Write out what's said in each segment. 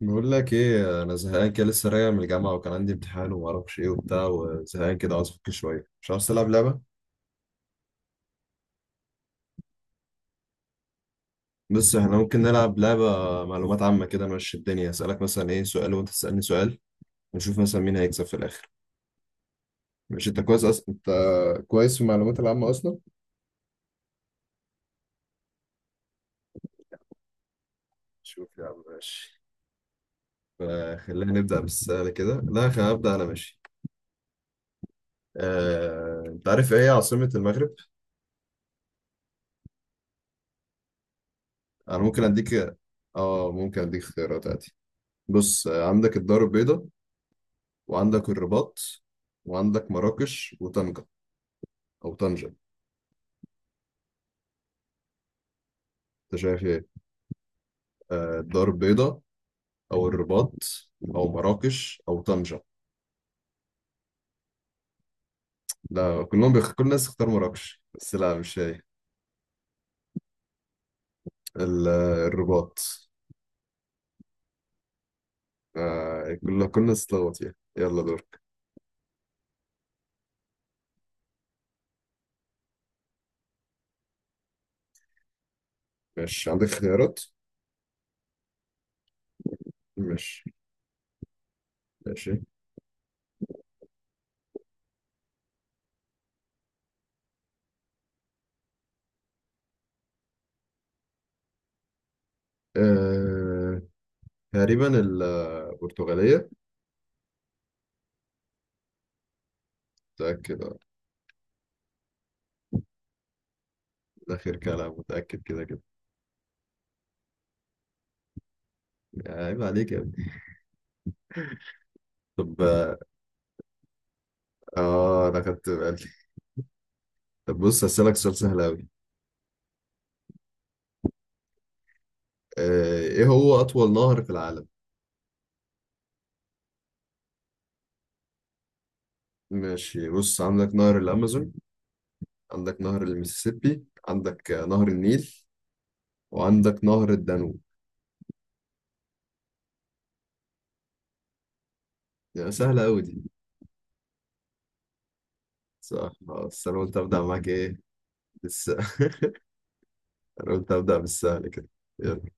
بقول لك ايه، انا زهقان كده، لسه راجع من الجامعه، وكان عندي امتحان وما اعرفش ايه وبتاع، وزهقان كده عاوز افك شويه. مش عاوز تلعب لعبه؟ بس احنا ممكن نلعب لعبه معلومات عامه كده. ماشي، الدنيا اسالك مثلا ايه سؤال، وانت تسالني سؤال، ونشوف مثلا مين هيكسب في الاخر. ماشي، انت كويس في المعلومات العامه اصلا. شوف يا عم، ماشي. فخلينا نبدا بالسؤال كده. لا، خلينا ابدا انا، ماشي. انت عارف ايه هي عاصمه المغرب؟ انا ممكن اديك اه ممكن اديك اختيارات عادي. بص، عندك الدار البيضاء، وعندك الرباط، وعندك مراكش وطنجة، أو طنجة. أنت شايف إيه؟ الدار البيضاء، أو الرباط، أو مراكش أو طنجة. لا، كل الناس اختار مراكش، بس لا، مش هي. الرباط. كل الناس اتلخبط فيها، يلا دورك. ماشي، عندك خيارات؟ ماشي، ماشي، آه... تقريبا البرتغالية. متأكد، ده آخر كلام، متأكد كده كده. عيب عليك يا ابني. طب، اه. انا خدت بالي. طب بص، هسألك سؤال سهل أوي. إيه هو أطول نهر في العالم؟ ماشي، بص، عندك نهر الأمازون، عندك نهر المسيسيبي، عندك نهر النيل، وعندك نهر الدانوب. يعني سهلة أوي دي. صح. بس أنا قلت أبدأ معاك، إيه بس. أنا قلت أبدأ بالسهل كده. يلا.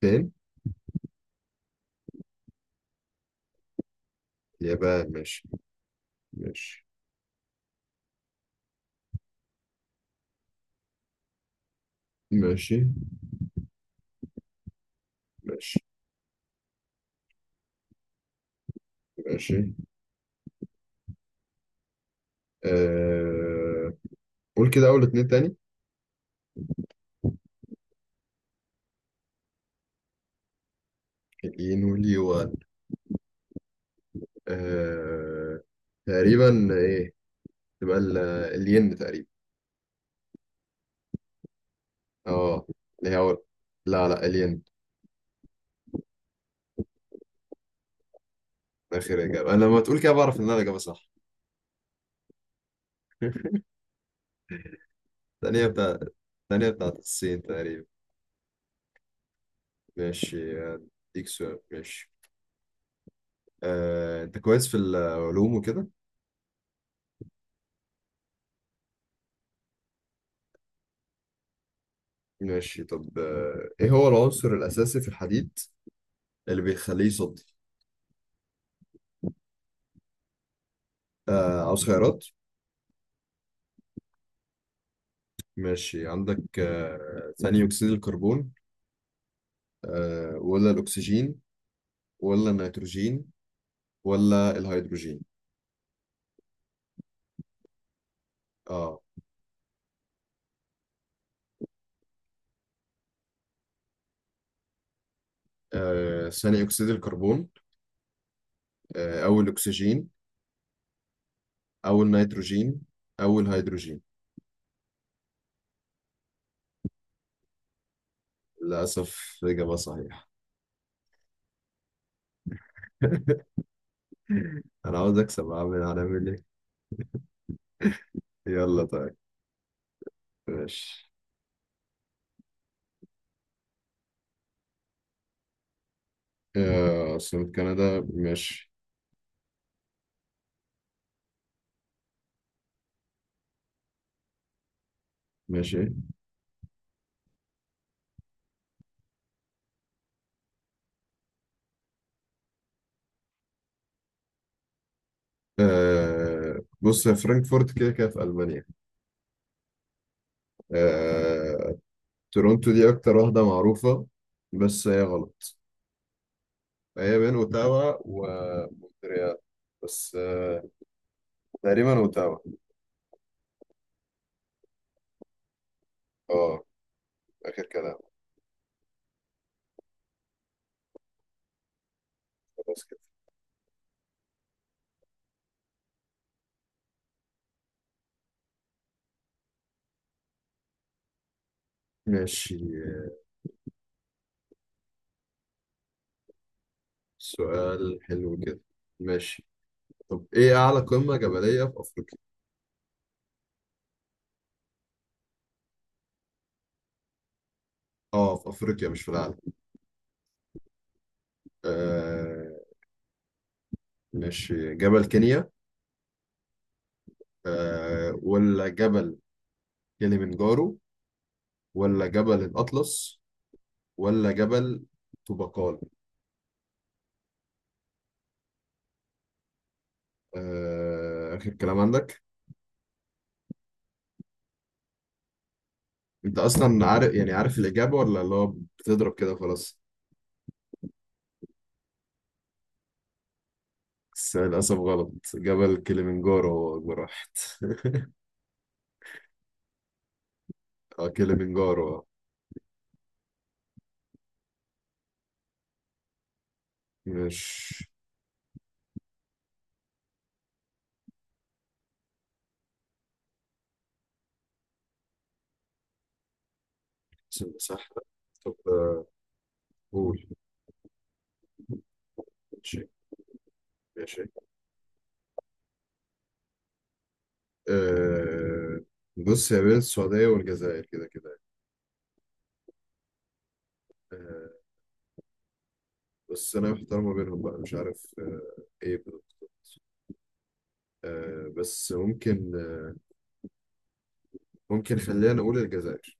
فين؟ اليابان، ماشي. ماشي، ماشي، ماشي، ماشي، آه... قول كده أول اتنين تاني. الين واليوان. آه... تقريبا إيه؟ تبقى ال- الين تقريبا. اه، اللي هو، لا لا الين. اخر اجابه. انا لما تقول كده، بعرف ان انا الاجابه صح. الثانيه بتاع الثانيه بتاعت الصين تقريبا. ماشي، اديك سؤال، ماشي. انت كويس في العلوم وكده؟ ماشي، طب، ايه هو العنصر الاساسي في الحديد اللي بيخليه يصدي؟ عاوز خيارات؟ ماشي، عندك ثاني اكسيد الكربون، ولا الاكسجين، ولا النيتروجين، ولا الهيدروجين. اه. ثاني أكسيد الكربون، أو الأكسجين، أو النيتروجين، أو الهيدروجين. للأسف إجابة صحيحة. أنا عاوز أكسب، هنعمل إيه؟ يلا طيب. ماشي، عاصمة كندا، ماشي، ماشي، بص يا فرانكفورت، كده كده في ألمانيا. آه، تورونتو دي أكتر واحدة معروفة، بس هي غلط. هي بين أوتاوا ومونتريال، بس تقريبا أوتاوا. اه، آخر كلام. خلاص كده. ماشي، سؤال حلو كده، ماشي. طب، ايه اعلى قمة جبلية في افريقيا؟ اه، في افريقيا، مش في العالم. آه ماشي، جبل كينيا، ولا جبل كليمنجارو، ولا جبل الاطلس، ولا جبل طوبقال. اخر كلام عندك؟ انت اصلا عارف، يعني عارف الاجابة، ولا اللي هو بتضرب كده خلاص؟ بس للاسف غلط، جبل كليمنجارو هو اكبر واحد. اه، كليمنجارو. ماشي، صح. طب قول. ماشي، ماشي. أه، بص، هي بين السعودية والجزائر كده كده. أه، بس أنا محتار ما بينهم بقى، مش عارف إيه بالظبط. أه بس ممكن، خلينا نقول الجزائر.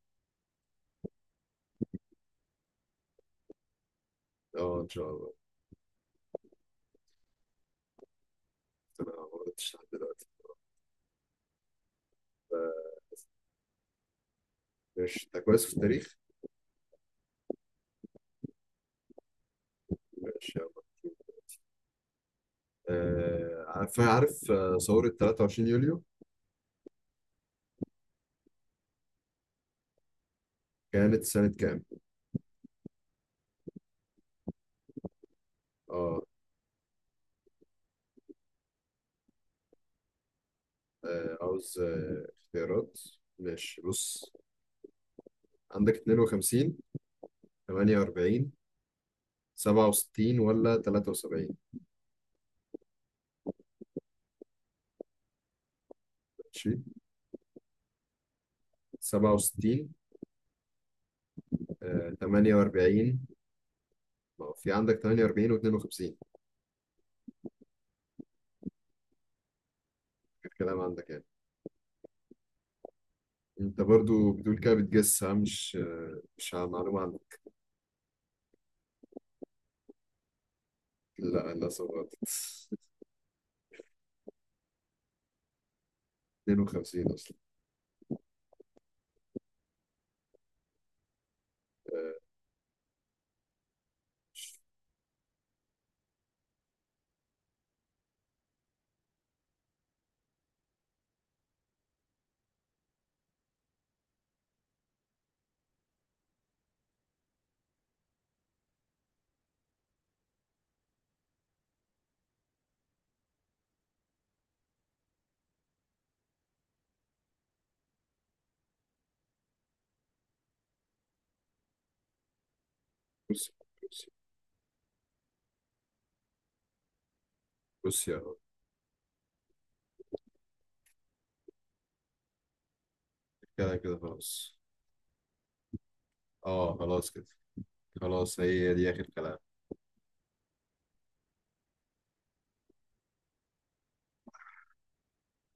أه، إن شاء الله. أنا ما غلطتش لحد دلوقتي. آه، ماشي، أنت كويس في التاريخ؟ ماشي يلا. عارف ثورة 23 يوليو، كانت سنة كام؟ أه. عاوز اختيارات. ماشي بص، عندك 52، 48، 67، ولا 73؟ ماشي، 67، 48. ما هو في عندك 48 و52. الكلام عندك يعني. انت برضو بتقول كده، بتجس ها؟ مش على معلومة عندك. لا، للأسف غلط. 52 أصلا. آه، بص بص بص يا رب، كده كده خلاص. اه، خلاص كده. خلاص هي دي آخر كلام.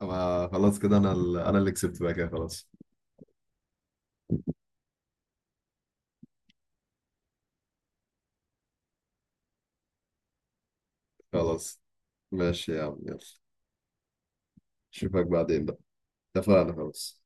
أما خلاص كده، أنا اللي كسبت بقى، كده خلاص. خلاص ماشي يا عم، يلا، اشوفك بعدين بقى. اتفقنا خلاص.